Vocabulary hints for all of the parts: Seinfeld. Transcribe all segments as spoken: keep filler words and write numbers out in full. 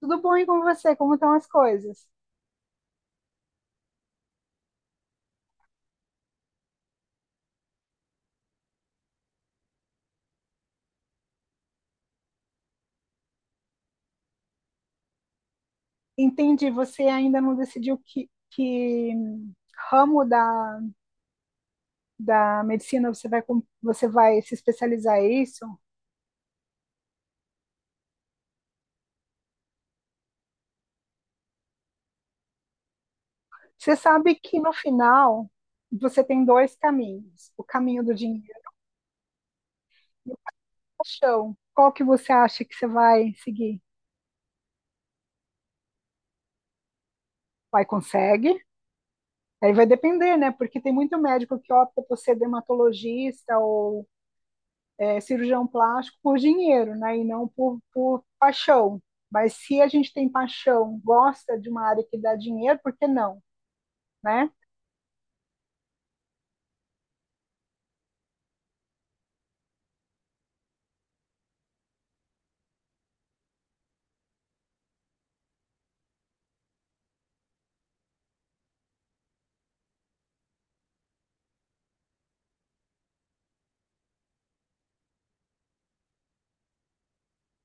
Tudo bom e com você? Como estão as coisas? Entendi, você ainda não decidiu que, que ramo da, da medicina você vai, com- você vai se especializar em isso? Você sabe que no final você tem dois caminhos: o caminho do dinheiro e da paixão. Qual que você acha que você vai seguir? Vai, consegue? Aí vai depender, né? Porque tem muito médico que opta por ser dermatologista ou é, cirurgião plástico por dinheiro, né? E não por, por paixão. Mas se a gente tem paixão, gosta de uma área que dá dinheiro, por que não, né?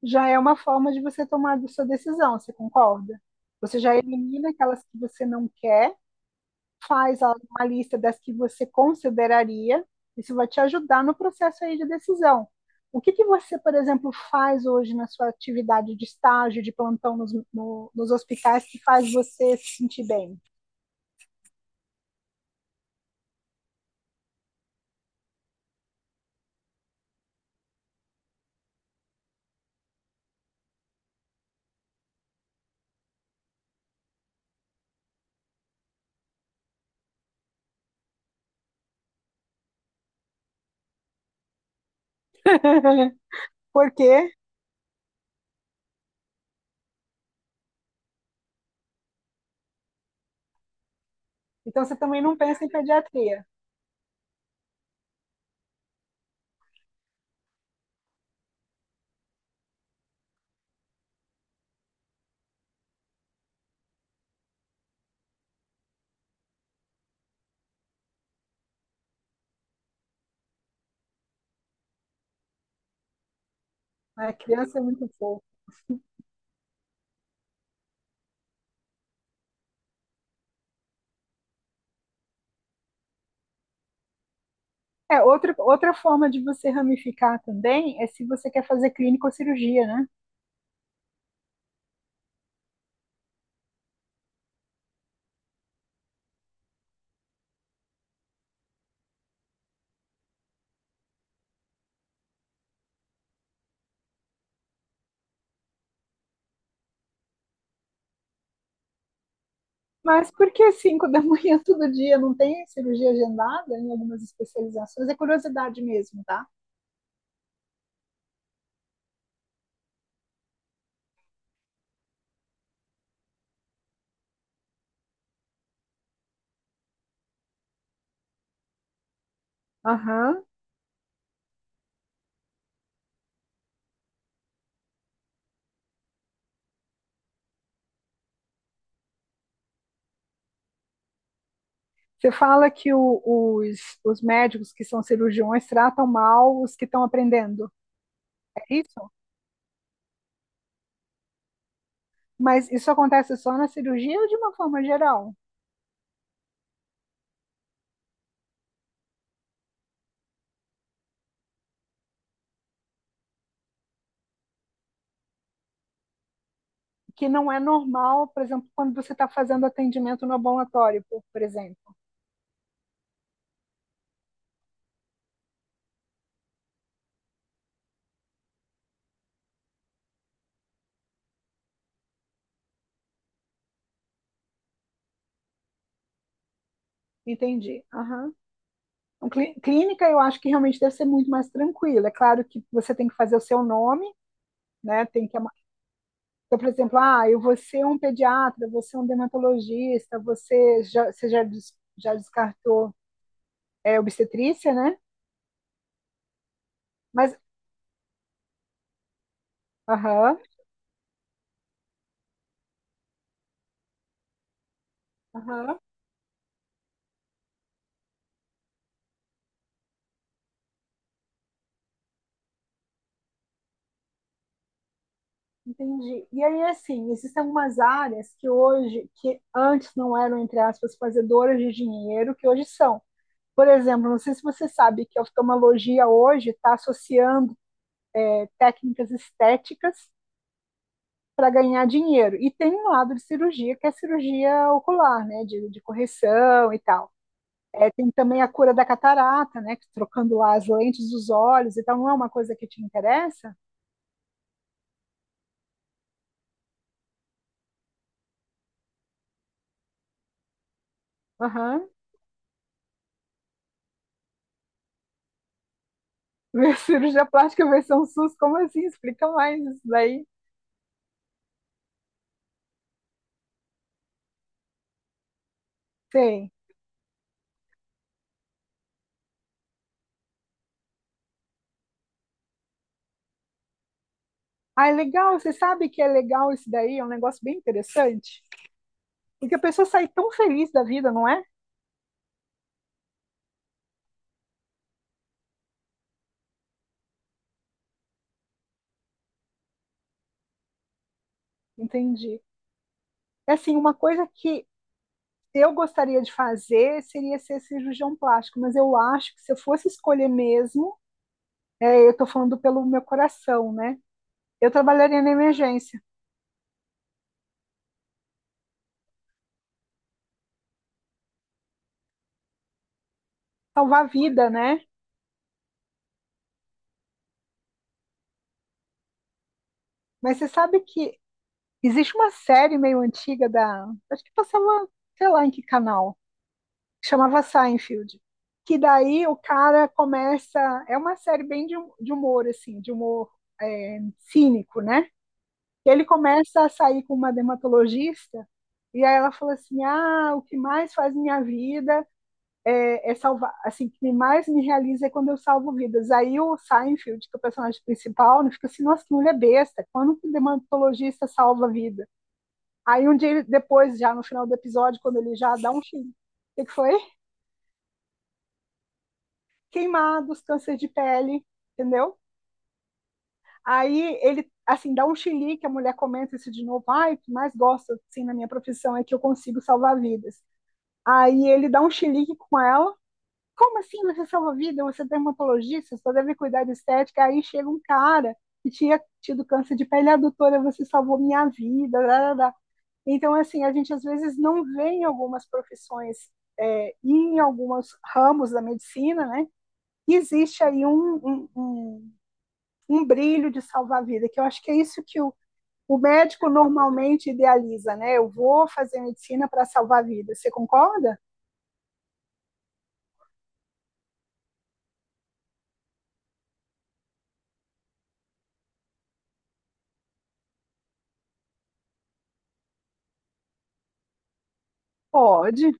Já é uma forma de você tomar a sua decisão, você concorda? Você já elimina aquelas que você não quer, faz a- uma lista das que você consideraria, isso vai te ajudar no processo aí de decisão. O que, que você, por exemplo, faz hoje na sua atividade de estágio, de plantão nos, no, nos hospitais que faz você se sentir bem? Por quê? Então você também não pensa em pediatria. A criança é muito fofa. É, outra, outra forma de você ramificar também é se você quer fazer clínica ou cirurgia, né? Mas por que cinco da manhã todo dia não tem cirurgia agendada em algumas especializações? É curiosidade mesmo, tá? Aham. Você fala que o- os, os médicos que são cirurgiões tratam mal os que estão aprendendo, é isso? Mas isso acontece só na cirurgia ou de uma forma geral? Que não é normal, por exemplo, quando você está fazendo atendimento no ambulatório, por, por exemplo. Entendi. Aham. Então, clí- clínica, eu acho que realmente deve ser muito mais tranquilo. É claro que você tem que fazer o seu nome, né? Tem que, ama- então, por exemplo, ah, eu vou ser um pediatra, eu vou ser um dermatologista, você já, você já, des- já descartou é, obstetrícia, né? Mas, aham, aham, entendi. E aí, assim, existem algumas áreas que hoje, que antes não eram, entre aspas, fazedoras de dinheiro, que hoje são. Por exemplo, não sei se você sabe que a oftalmologia hoje está associando é, técnicas estéticas para ganhar dinheiro. E tem um lado de cirurgia, que é a cirurgia ocular, né, de, de correção e tal. É, tem também a cura da catarata, né, trocando lá as lentes dos olhos e tal. Não é uma coisa que te interessa? Aham. Uhum. Cirurgia plástica versão SUS, como assim? Explica mais isso daí. Tem. Ah, é legal, você sabe que é legal isso daí? É um negócio bem interessante. Porque a pessoa sai tão feliz da vida, não é? Entendi. É assim, uma coisa que eu gostaria de fazer seria ser cirurgião plástico, mas eu acho que se eu fosse escolher mesmo, é, eu estou falando pelo meu coração, né? Eu trabalharia na emergência, salvar a vida, né? Mas você sabe que existe uma série meio antiga da, acho que passava, sei lá em que canal, que chamava Seinfeld, que daí o cara começa, é uma série bem de, de humor, assim, de humor cínico, né? E ele começa a sair com uma dermatologista e aí ela falou assim: "Ah, o que mais faz minha vida é, é salvar, assim, o que mais me realiza é quando eu salvo vidas". Aí o Seinfeld, que é o personagem principal, né, fica assim: "Nossa, que mulher besta, quando que dermatologista salva a vida?". Aí um dia depois, já no final do episódio, quando ele já dá um fim, o que que foi? Queimados, câncer de pele, entendeu? Aí ele assim dá um chilique, a mulher comenta isso de novo, ai, o que mais gosto assim na minha profissão é que eu consigo salvar vidas. Aí ele dá um chilique com ela. Como assim você salva a vida? Você é dermatologista, você só deve cuidar de estética. Aí chega um cara que tinha tido câncer de pele, a doutora, você salvou minha vida. Lá, lá, lá. Então, assim, a gente às vezes não vê em algumas profissões é, e em alguns ramos da medicina, né? Existe aí um, um, um, um brilho de salvar a vida, que eu acho que é isso que o, o médico normalmente idealiza, né? Eu vou fazer medicina para salvar a vida. Você concorda? Pode.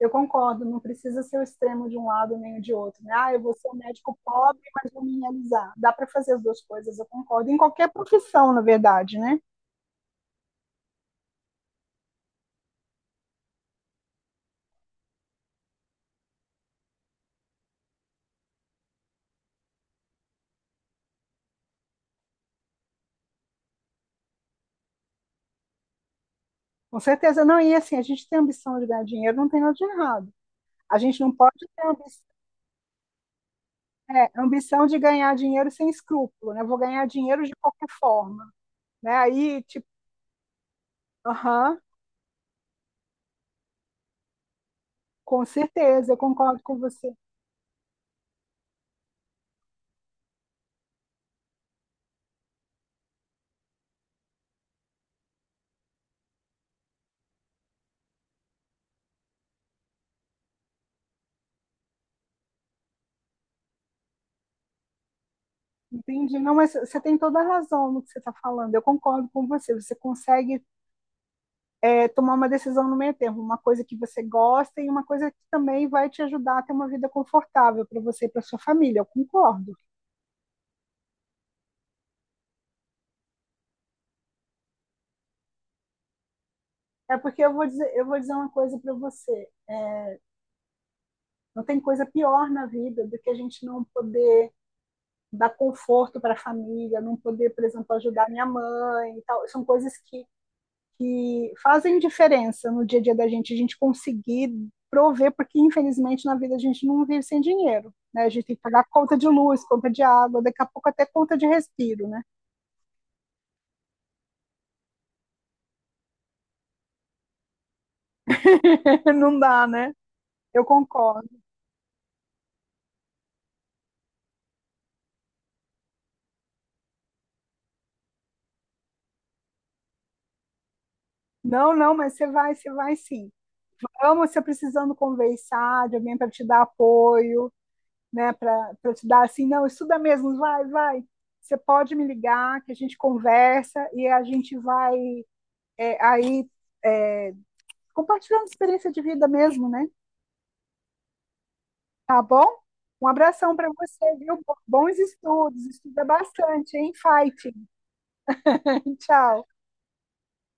Eu concordo, não precisa ser o extremo de um lado nem o de outro. Né? Ah, eu vou ser um médico pobre, mas vou me realizar. Dá para fazer as duas coisas, eu concordo. Em qualquer profissão, na verdade, né? Com certeza. Não, e assim, a gente tem ambição de ganhar dinheiro, não tem nada de errado. A gente não pode ter ambição é, ambição de ganhar dinheiro sem escrúpulo, né? Vou ganhar dinheiro de qualquer forma, né? Aí, tipo, aham, uhum, com certeza, eu concordo com você. Entendi. Não, mas você tem toda a razão no que você está falando. Eu concordo com você. Você consegue é tomar uma decisão no meio termo, uma coisa que você gosta e uma coisa que também vai te ajudar a ter uma vida confortável para você e para sua família. Eu concordo. É porque eu vou dizer, eu vou dizer uma coisa para você. Não tem coisa pior na vida do que a gente não poder dar conforto para a família, não poder, por exemplo, ajudar minha mãe e tal. São coisas que que fazem diferença no dia a dia da gente, a gente conseguir prover, porque infelizmente na vida a gente não vive sem dinheiro, né? A gente tem que pagar conta de luz, conta de água, daqui a pouco até conta de respiro, né? Não dá, né? Eu concordo. Não, não, mas você vai, você vai sim. Amo você precisando conversar de alguém para te dar apoio, né? Para te dar assim, não, estuda mesmo, vai, vai. Você pode me ligar, que a gente conversa e a gente vai é, aí é, compartilhando experiência de vida mesmo, né? Tá bom? Um abração para você, viu? Bons estudos, estuda bastante, hein? Fighting. Tchau.